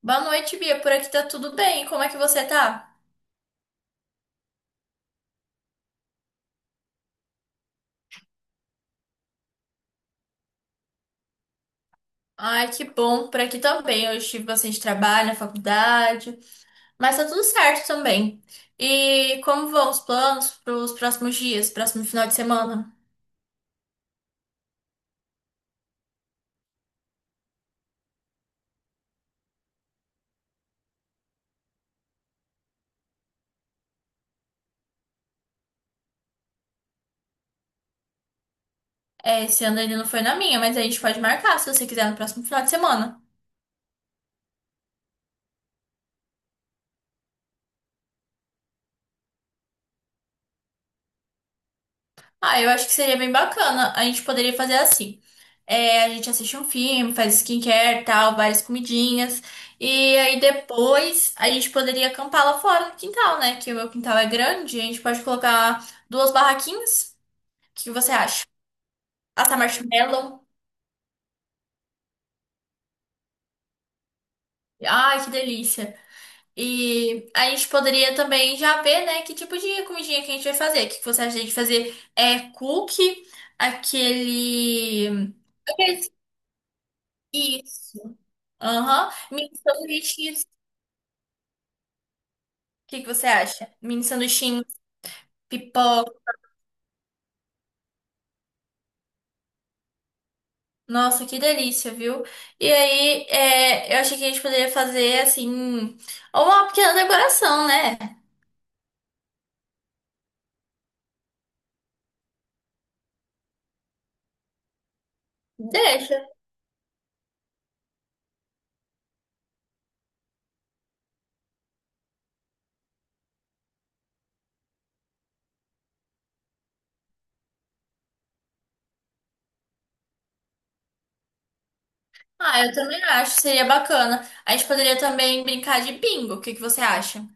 Boa noite, Bia. Por aqui tá tudo bem. Como é que você tá? Ai, que bom. Por aqui também. Eu tive bastante trabalho na faculdade, mas tá tudo certo também. E como vão os planos para os próximos dias, próximo final de semana? É, esse ano ainda não foi na minha, mas a gente pode marcar se você quiser no próximo final de semana. Ah, eu acho que seria bem bacana. A gente poderia fazer assim. É, a gente assiste um filme, faz skincare, tal, várias comidinhas. E aí depois a gente poderia acampar lá fora no quintal, né? Que o meu quintal é grande. A gente pode colocar duas barraquinhas. O que você acha? Assar marshmallow. Ai, que delícia. E a gente poderia também já ver, né, que tipo de comidinha que a gente vai fazer. O que que você acha de a gente fazer? É cookie, aquele. Isso. Aham. Mini sanduíches. O que que você acha? Mini sanduíchinhos, pipoca. Nossa, que delícia, viu? E aí, é, eu achei que a gente poderia fazer, assim, uma pequena decoração, né? Deixa. Ah, eu também acho, seria bacana. A gente poderia também brincar de bingo. O que que você acha?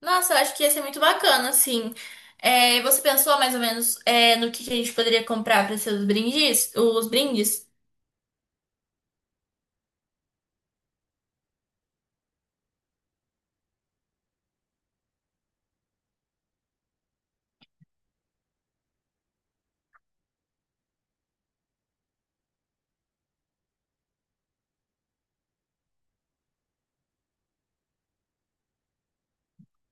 Nossa, eu acho que ia ser muito bacana, assim. É, você pensou mais ou menos, é, no que a gente poderia comprar para ser os brindes? Os brindes?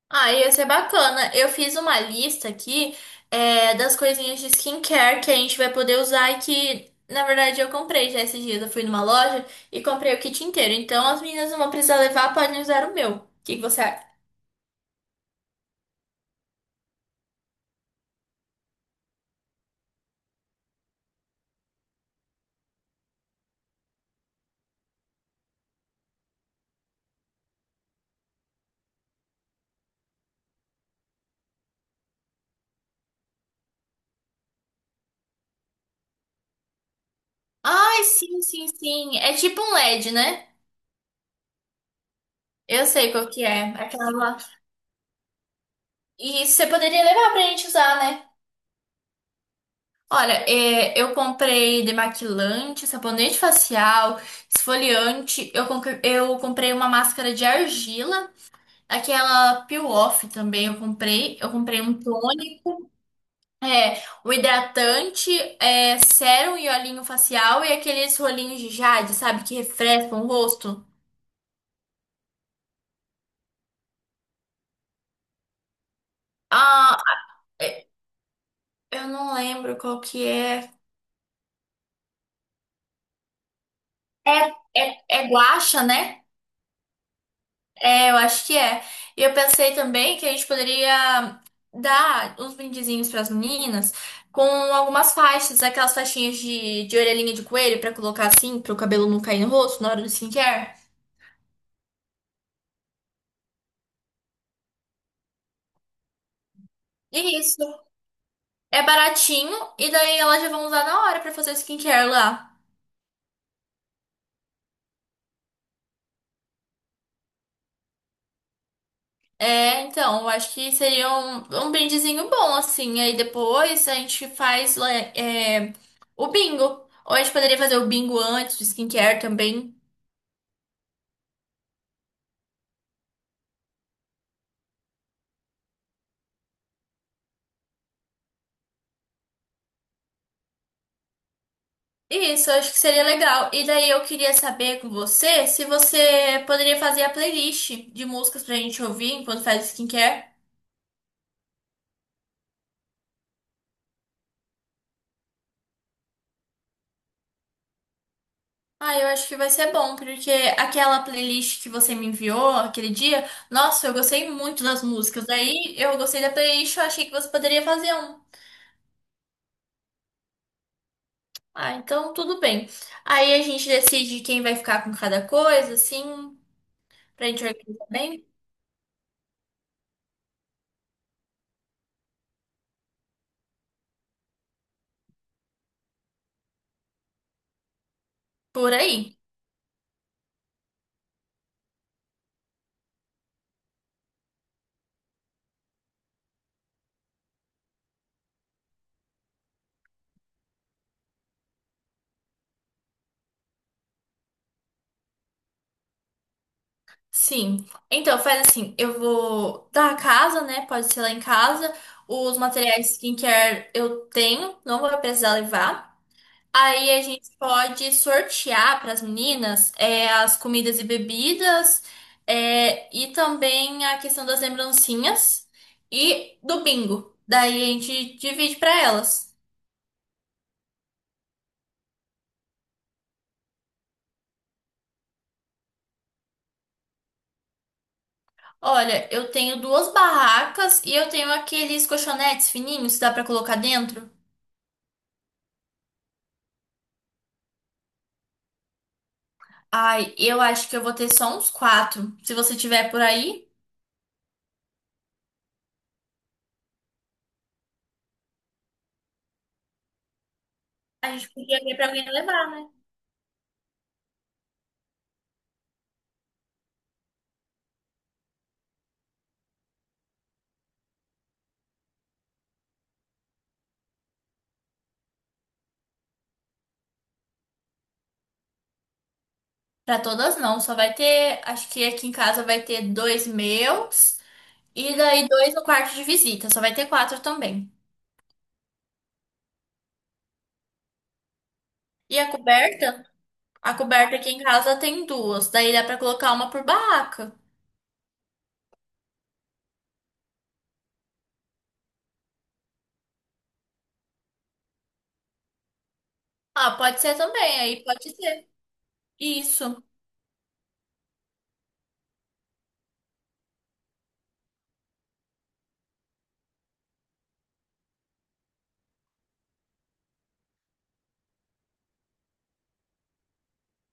Ah, ia ser bacana. Eu fiz uma lista aqui, é, das coisinhas de skincare que a gente vai poder usar e que, na verdade, eu comprei já esses dias. Eu fui numa loja e comprei o kit inteiro. Então, as meninas não vão precisar levar, podem usar o meu. O que que você acha? Ai, sim, sim, sim. É tipo um LED, né? Eu sei qual que é. Aquela... E você poderia levar pra gente usar, né? Olha, é, eu comprei demaquilante, sabonete facial, esfoliante. Eu, conque- eu comprei uma máscara de argila. Aquela Peel Off também eu comprei. Eu comprei um tônico, é, um hidratante, é, sérum e olhinho facial e aqueles rolinhos de jade, sabe? Que refrescam o rosto. Ah, é, eu não lembro qual que é. É, é, é guaxa, né? É, eu acho que é. E eu pensei também que a gente poderia dar uns brindezinhos para as meninas com algumas faixas, aquelas faixinhas de orelhinha de coelho para colocar assim, para o cabelo não cair no rosto na hora do skincare. Isso. É baratinho e daí elas já vão usar na hora pra fazer o skincare lá. É, então, eu acho que seria um, um brindezinho bom, assim. Aí depois a gente faz lá, é, o bingo. Ou a gente poderia fazer o bingo antes do skincare também. Isso, eu acho que seria legal. E daí eu queria saber com você se você poderia fazer a playlist de músicas pra gente ouvir enquanto faz o skincare. Ah, eu acho que vai ser bom, porque aquela playlist que você me enviou aquele dia, nossa, eu gostei muito das músicas. Daí eu gostei da playlist, eu achei que você poderia fazer um. Ah, então tudo bem. Aí a gente decide quem vai ficar com cada coisa, assim, pra gente organizar bem. Por aí. Sim. Então, faz assim, eu vou da casa, né? Pode ser lá em casa. Os materiais skincare eu tenho, não vou precisar levar. Aí a gente pode sortear para as meninas é, as comidas e bebidas é, e também a questão das lembrancinhas e do bingo. Daí a gente divide para elas. Olha, eu tenho duas barracas e eu tenho aqueles colchonetes fininhos que dá para colocar dentro. Ai, eu acho que eu vou ter só uns quatro. Se você tiver por aí, a gente podia ver para alguém levar, né? Para todas não, só vai ter. Acho que aqui em casa vai ter dois meus. E daí dois no quarto de visita, só vai ter quatro também. E a coberta? A coberta aqui em casa tem duas, daí dá pra colocar uma por barraca. Ah, pode ser também, aí pode ser. Isso.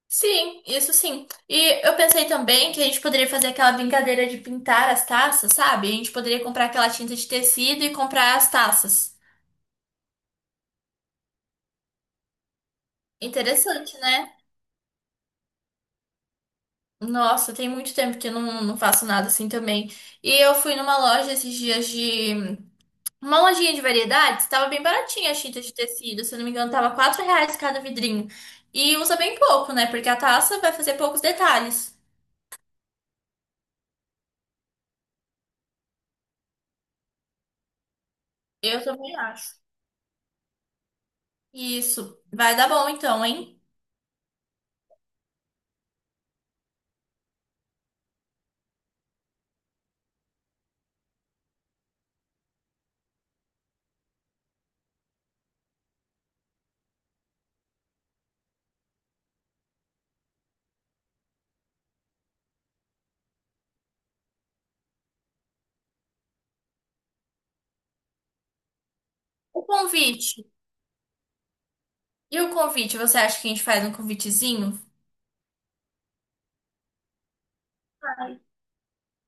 Sim, isso sim. E eu pensei também que a gente poderia fazer aquela brincadeira de pintar as taças, sabe? A gente poderia comprar aquela tinta de tecido e comprar as taças. Interessante, né? Nossa, tem muito tempo que eu não, faço nada assim também. E eu fui numa loja esses dias de uma lojinha de variedades, estava bem baratinha a Cheetos de tecido, se eu não me engano, tava R$ 4 cada vidrinho. E usa bem pouco, né? Porque a taça vai fazer poucos detalhes. Eu também acho. Isso. Vai dar bom então, hein? O convite. E o convite, você acha que a gente faz um convitezinho?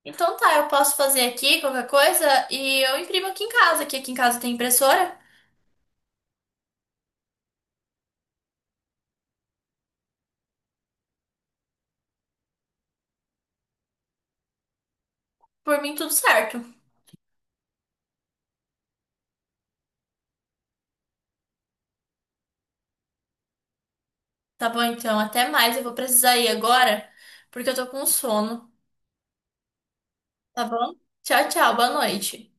Então tá, eu posso fazer aqui qualquer coisa e eu imprimo aqui em casa, que aqui em casa tem impressora. Por mim, tudo certo. Tá bom então, até mais. Eu vou precisar ir agora, porque eu tô com sono. Tá bom? Tchau, tchau. Boa noite.